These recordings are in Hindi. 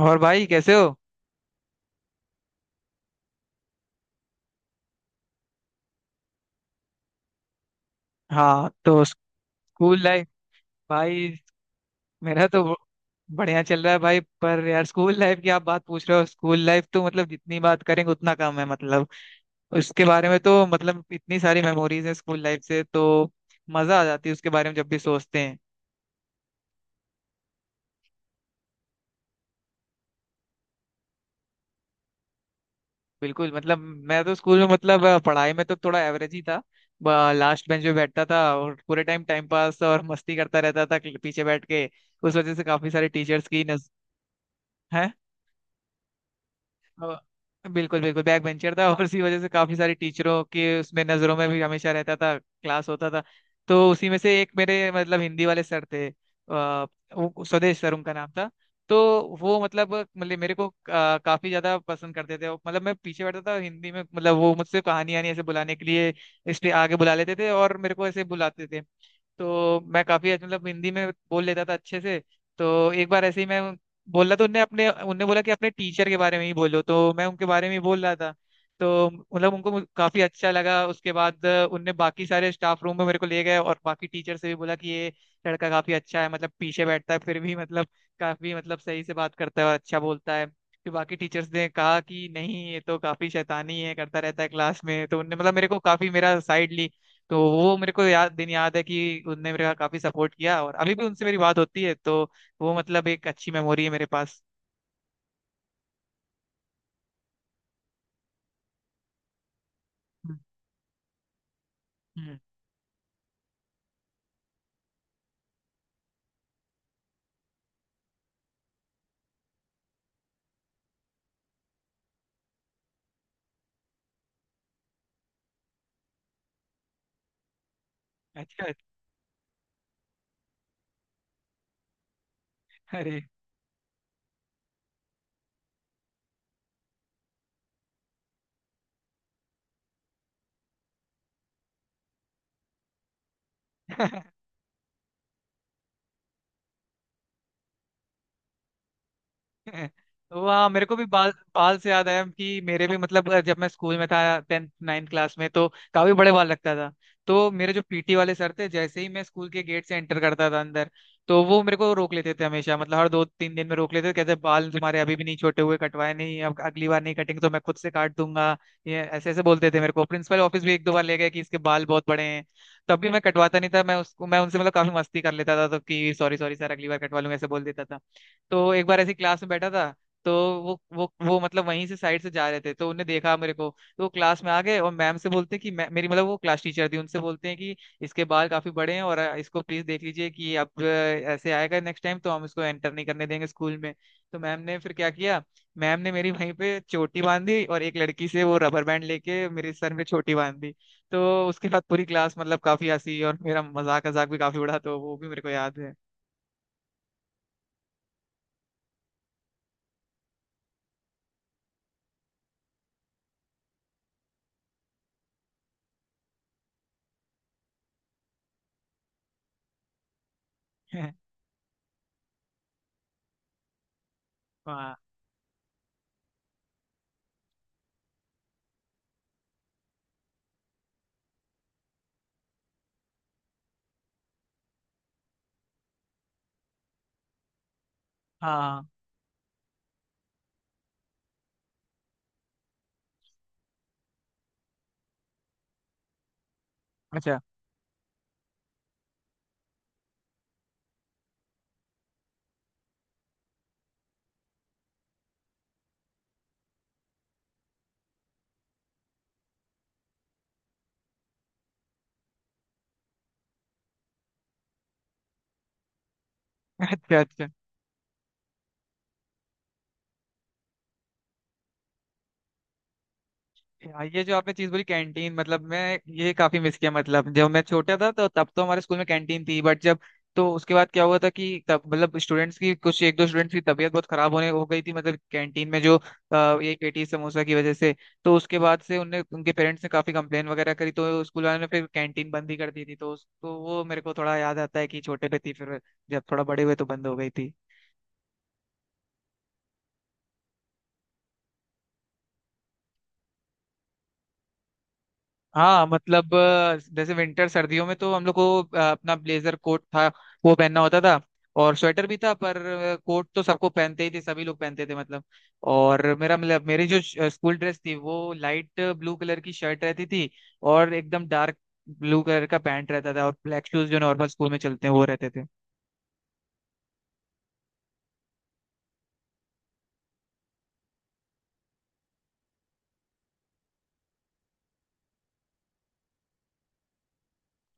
और भाई कैसे हो? हाँ, तो स्कूल लाइफ। भाई मेरा तो बढ़िया चल रहा है भाई। पर यार स्कूल लाइफ की आप बात पूछ रहे हो, स्कूल लाइफ तो मतलब जितनी बात करेंगे उतना कम है। मतलब उसके बारे में तो मतलब इतनी सारी मेमोरीज है स्कूल लाइफ से, तो मजा आ जाती है उसके बारे में जब भी सोचते हैं। बिल्कुल मतलब मैं तो स्कूल में मतलब पढ़ाई में तो थोड़ा एवरेज ही था। लास्ट बेंच पे बैठता था और पूरे टाइम टाइम पास और मस्ती करता रहता था पीछे बैठ के। उस वजह से काफी सारे टीचर्स की नज है अ, बिल्कुल बिल्कुल बैक बेंचर था, और उसी वजह से काफी सारी टीचरों के उसमें नजरों में भी हमेशा रहता था क्लास होता था। तो उसी में से एक मेरे मतलब हिंदी वाले सर थे, वो स्वदेश सर उनका नाम था। तो वो मतलब मेरे को काफी ज्यादा पसंद करते थे, मतलब मैं पीछे बैठता था हिंदी में, मतलब वो मुझसे कहानी आनी ऐसे बुलाने के लिए इसलिए आगे बुला लेते थे और मेरे को ऐसे बुलाते थे। तो मैं काफी मतलब हिंदी में बोल लेता था अच्छे से। तो एक बार ऐसे ही मैं बोला तो उनने बोला कि अपने टीचर के बारे में ही बोलो, तो मैं उनके बारे में ही बोल रहा था। तो मतलब उनको काफी अच्छा लगा उसके बाद, उनने बाकी सारे स्टाफ रूम में मेरे को ले गए और बाकी टीचर से भी बोला कि ये लड़का काफी अच्छा है, मतलब पीछे बैठता है फिर भी मतलब काफी मतलब सही से बात करता है और अच्छा बोलता है। फिर बाकी टीचर्स ने कहा कि नहीं ये तो काफी शैतानी है करता रहता है क्लास में, तो उनने मतलब मेरे को काफी मेरा साइड ली। तो वो मेरे को याद दिन याद है कि उनने मेरा काफी सपोर्ट किया और अभी भी उनसे मेरी बात होती है, तो वो मतलब एक अच्छी मेमोरी है मेरे पास। हम्म, हम्म। अच्छा, अच्छा। अरे! वाह! मेरे को भी बाल बाल से याद आया कि मेरे भी मतलब जब मैं स्कूल में था टेंथ नाइन्थ क्लास में तो काफी बड़े बाल लगता था। तो मेरे जो पीटी वाले सर थे जैसे ही मैं स्कूल के गेट से एंटर करता था अंदर, तो वो मेरे को रोक लेते थे हमेशा, मतलब हर दो तीन दिन में रोक लेते थे, कहते बाल तुम्हारे अभी भी नहीं छोटे हुए, कटवाए नहीं, अब अगली बार नहीं कटेंगे तो मैं खुद से काट दूंगा। ये ऐसे ऐसे बोलते थे मेरे को, प्रिंसिपल ऑफिस भी एक दो बार ले गए कि इसके बाल बहुत बड़े हैं। तब भी मैं कटवाता नहीं था, मैं उनसे मतलब काफी मस्ती कर लेता था, तो कि सॉरी सॉरी सर अगली बार कटवा लूंगा ऐसे बोल देता था। तो एक बार ऐसी क्लास में बैठा था तो वो मतलब वहीं से साइड से जा रहे थे तो उन्हें देखा मेरे को। तो वो क्लास में आ गए और मैम से बोलते हैं कि मैं मेरी मतलब वो क्लास टीचर थी उनसे बोलते हैं कि इसके बाल काफी बड़े हैं और इसको प्लीज देख लीजिए कि अब ऐसे आएगा नेक्स्ट टाइम तो हम इसको एंटर नहीं करने देंगे स्कूल में। तो मैम ने फिर क्या किया? मैम ने मेरी वहीं पे चोटी बांधी और एक लड़की से वो रबर बैंड लेके मेरे सर पे चोटी बांध दी। तो उसके बाद पूरी क्लास मतलब काफी हंसी और मेरा मजाक मजाक भी काफी उड़ा, तो वो भी मेरे को याद है। वाह! हाँ। अच्छा, अच्छा। अच्छा। ये जो आपने चीज बोली कैंटीन, मतलब मैं ये काफी मिस किया, मतलब जब मैं छोटा था तो तब तो हमारे स्कूल में कैंटीन थी, बट जब तो उसके बाद क्या हुआ था कि तब मतलब स्टूडेंट्स की कुछ एक दो स्टूडेंट्स की तबीयत बहुत खराब होने हो गई थी, मतलब कैंटीन में जो ये पेटी समोसा की वजह से। तो उसके बाद से उनने उनके पेरेंट्स ने काफी कंप्लेन वगैरह करी, तो स्कूल वालों ने फिर कैंटीन बंद ही कर दी थी। तो तो वो मेरे को थोड़ा याद आता है कि छोटे पे थी, फिर जब थोड़ा बड़े हुए तो बंद हो गई थी। हाँ मतलब जैसे विंटर सर्दियों में तो हम लोग को अपना ब्लेजर कोट था, वो पहनना होता था, और स्वेटर भी था पर कोट तो सबको पहनते ही थे, सभी लोग पहनते थे मतलब। और मेरा मतलब मेरी जो स्कूल ड्रेस थी वो लाइट ब्लू कलर की शर्ट रहती थी, और एकदम डार्क ब्लू कलर का पैंट रहता था, और ब्लैक शूज जो नॉर्मल स्कूल में चलते हैं वो रहते थे।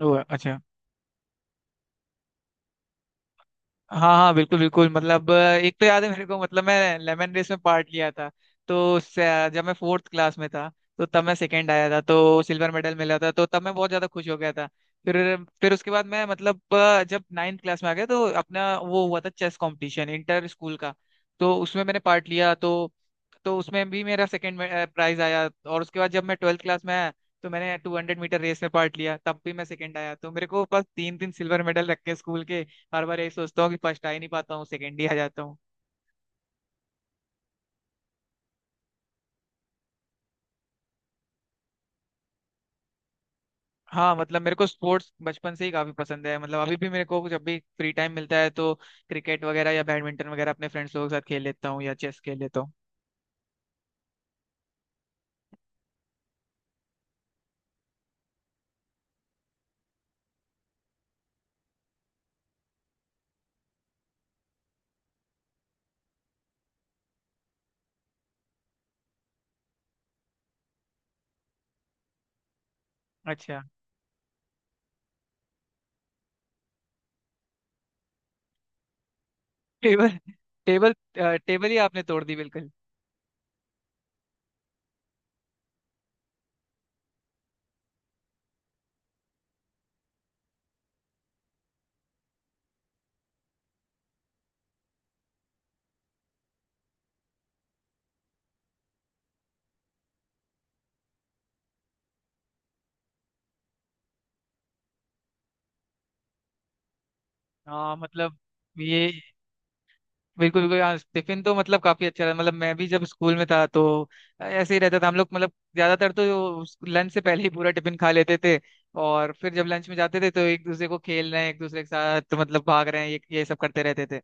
ओ, अच्छा। हाँ हाँ बिल्कुल बिल्कुल मतलब एक तो याद है मेरे को, मतलब मैं लेमन रेस में पार्ट लिया था तो जब मैं फोर्थ क्लास में था तो तब मैं सेकंड आया था तो सिल्वर मेडल मिला था, तो तब मैं बहुत ज्यादा खुश हो गया था। फिर फिर उसके बाद मैं मतलब जब नाइन्थ क्लास में आ गया तो अपना वो हुआ था चेस कंपटीशन इंटर स्कूल का, तो उसमें मैंने पार्ट लिया। तो उसमें भी मेरा सेकंड प्राइज आया, और उसके बाद जब मैं ट्वेल्थ क्लास में आया तो मैंने टू हंड्रेड मीटर रेस में पार्ट लिया, तब भी मैं सेकंड आया, तो मेरे को बस तीन तीन सिल्वर मेडल रख के स्कूल के हर बार यही सोचता हूँ कि फर्स्ट आ ही नहीं पाता हूँ, सेकेंड ही आ जाता हूँ। हाँ मतलब मेरे को स्पोर्ट्स बचपन से ही काफी पसंद है, मतलब अभी भी मेरे को जब भी फ्री टाइम मिलता है तो क्रिकेट वगैरह या बैडमिंटन वगैरह अपने फ्रेंड्स लोगों के साथ खेल लेता हूँ या चेस खेल लेता हूँ। अच्छा। टेबल! टेबल! टेबल ही आपने तोड़ दी बिल्कुल। हाँ मतलब ये बिल्कुल बिल्कुल। हाँ टिफिन तो मतलब काफी अच्छा था, मतलब मैं भी जब स्कूल में था तो ऐसे ही रहता था हम लोग, मतलब ज्यादातर तो लंच से पहले ही पूरा टिफिन खा लेते थे। और फिर जब लंच में जाते थे तो एक दूसरे को खेल रहे हैं एक दूसरे के साथ तो मतलब भाग रहे हैं ये सब करते रहते थे।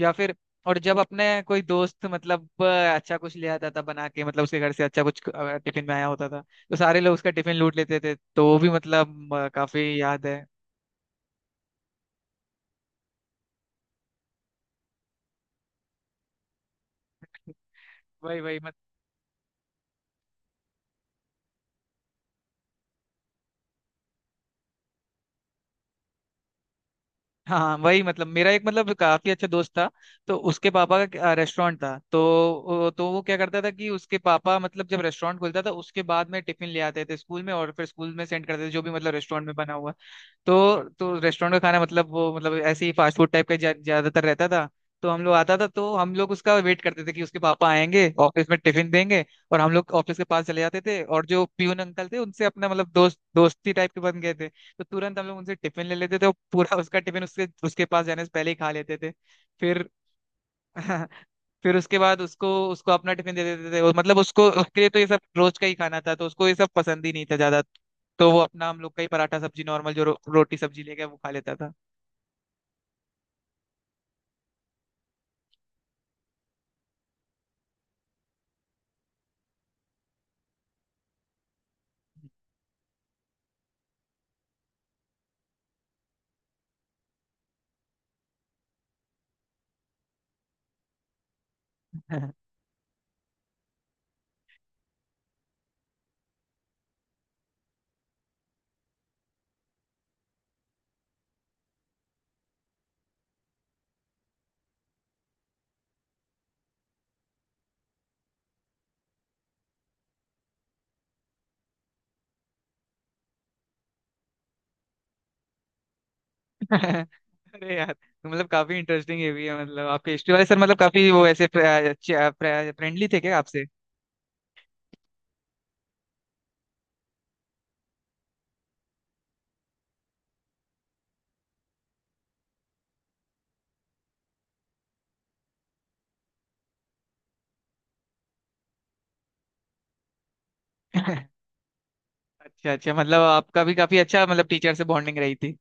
या फिर और जब अपने कोई दोस्त मतलब अच्छा कुछ ले आता था बना के, मतलब उसके घर से अच्छा कुछ टिफिन में आया होता था, तो सारे लोग उसका टिफिन लूट लेते थे, तो वो भी मतलब काफी याद है। वही, वही। हाँ वही मतलब मेरा एक मतलब काफी अच्छा दोस्त था, तो उसके पापा का रेस्टोरेंट था। तो तो वो क्या करता था कि उसके पापा मतलब जब रेस्टोरेंट खुलता था उसके बाद में टिफिन ले आते थे स्कूल में और फिर स्कूल में सेंड करते थे जो भी मतलब रेस्टोरेंट में बना हुआ। तो रेस्टोरेंट का खाना मतलब वो मतलब ऐसे ही फास्ट फूड टाइप का ज्यादातर रहता था। तो हम लोग आता था तो हम लोग उसका वेट करते थे कि उसके पापा आएंगे ऑफिस में टिफिन देंगे। और हम लोग ऑफिस के पास चले जाते थे, और जो पियून अंकल थे उनसे अपना मतलब दोस्ती टाइप के बन गए थे। तो तुरंत हम लोग उनसे टिफिन ले लेते थे और पूरा उसका टिफिन उसके उसके पास जाने से पहले ही खा लेते थे। फिर फिर उसके बाद उसको उसको अपना टिफिन दे देते थे, मतलब उसको उसके लिए तो ये सब रोज का ही खाना था तो उसको ये सब पसंद ही नहीं था ज्यादा। तो वो अपना हम लोग का ही पराठा सब्जी नॉर्मल जो रोटी सब्जी लेके वो खा लेता था। अरे यार, तो मतलब काफी इंटरेस्टिंग ये भी है, मतलब आपके हिस्ट्री वाले सर मतलब काफी वो ऐसे फ्रेंडली थे क्या आपसे? अच्छा, अच्छा, मतलब आपका भी काफी अच्छा मतलब टीचर से बॉन्डिंग रही थी।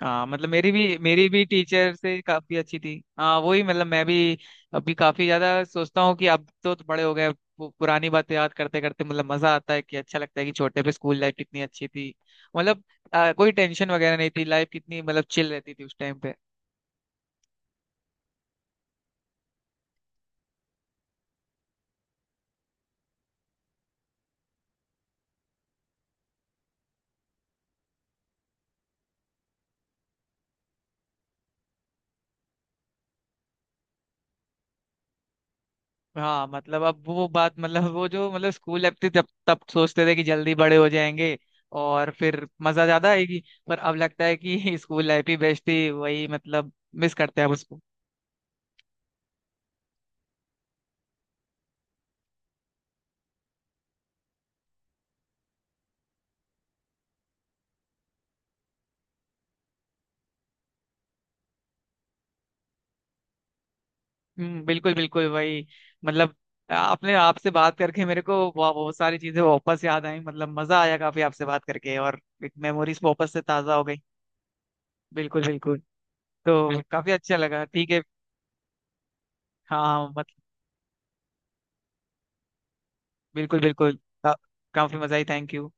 हाँ मतलब मेरी भी टीचर से काफी अच्छी थी। हाँ वही मतलब मैं भी अभी काफी ज्यादा सोचता हूँ कि अब तो बड़े हो गए, अब पुरानी बातें याद करते करते मतलब मजा आता है कि अच्छा लगता है कि छोटे पे स्कूल लाइफ कितनी अच्छी थी। मतलब कोई टेंशन वगैरह नहीं थी, लाइफ कितनी मतलब चिल रहती थी उस टाइम पे। हाँ मतलब अब वो बात, मतलब वो जो मतलब स्कूल लाइफ थी, तब तब सोचते थे कि जल्दी बड़े हो जाएंगे और फिर मजा ज्यादा आएगी। पर अब लगता है कि स्कूल लाइफ ही बेस्ट थी, वही मतलब मिस करते हैं अब उसको। हम्म, बिल्कुल बिल्कुल वही। मतलब आपने आपसे बात करके मेरे को बहुत सारी चीजें वापस याद आई, मतलब मजा आया काफी आपसे बात करके, और एक मेमोरीज वापस से ताजा हो गई। बिल्कुल, बिल्कुल। तो काफी अच्छा लगा, ठीक है। हाँ, हाँ, मत बिल्कुल, बिल्कुल। का- काफी मजा आई, थैंक यू।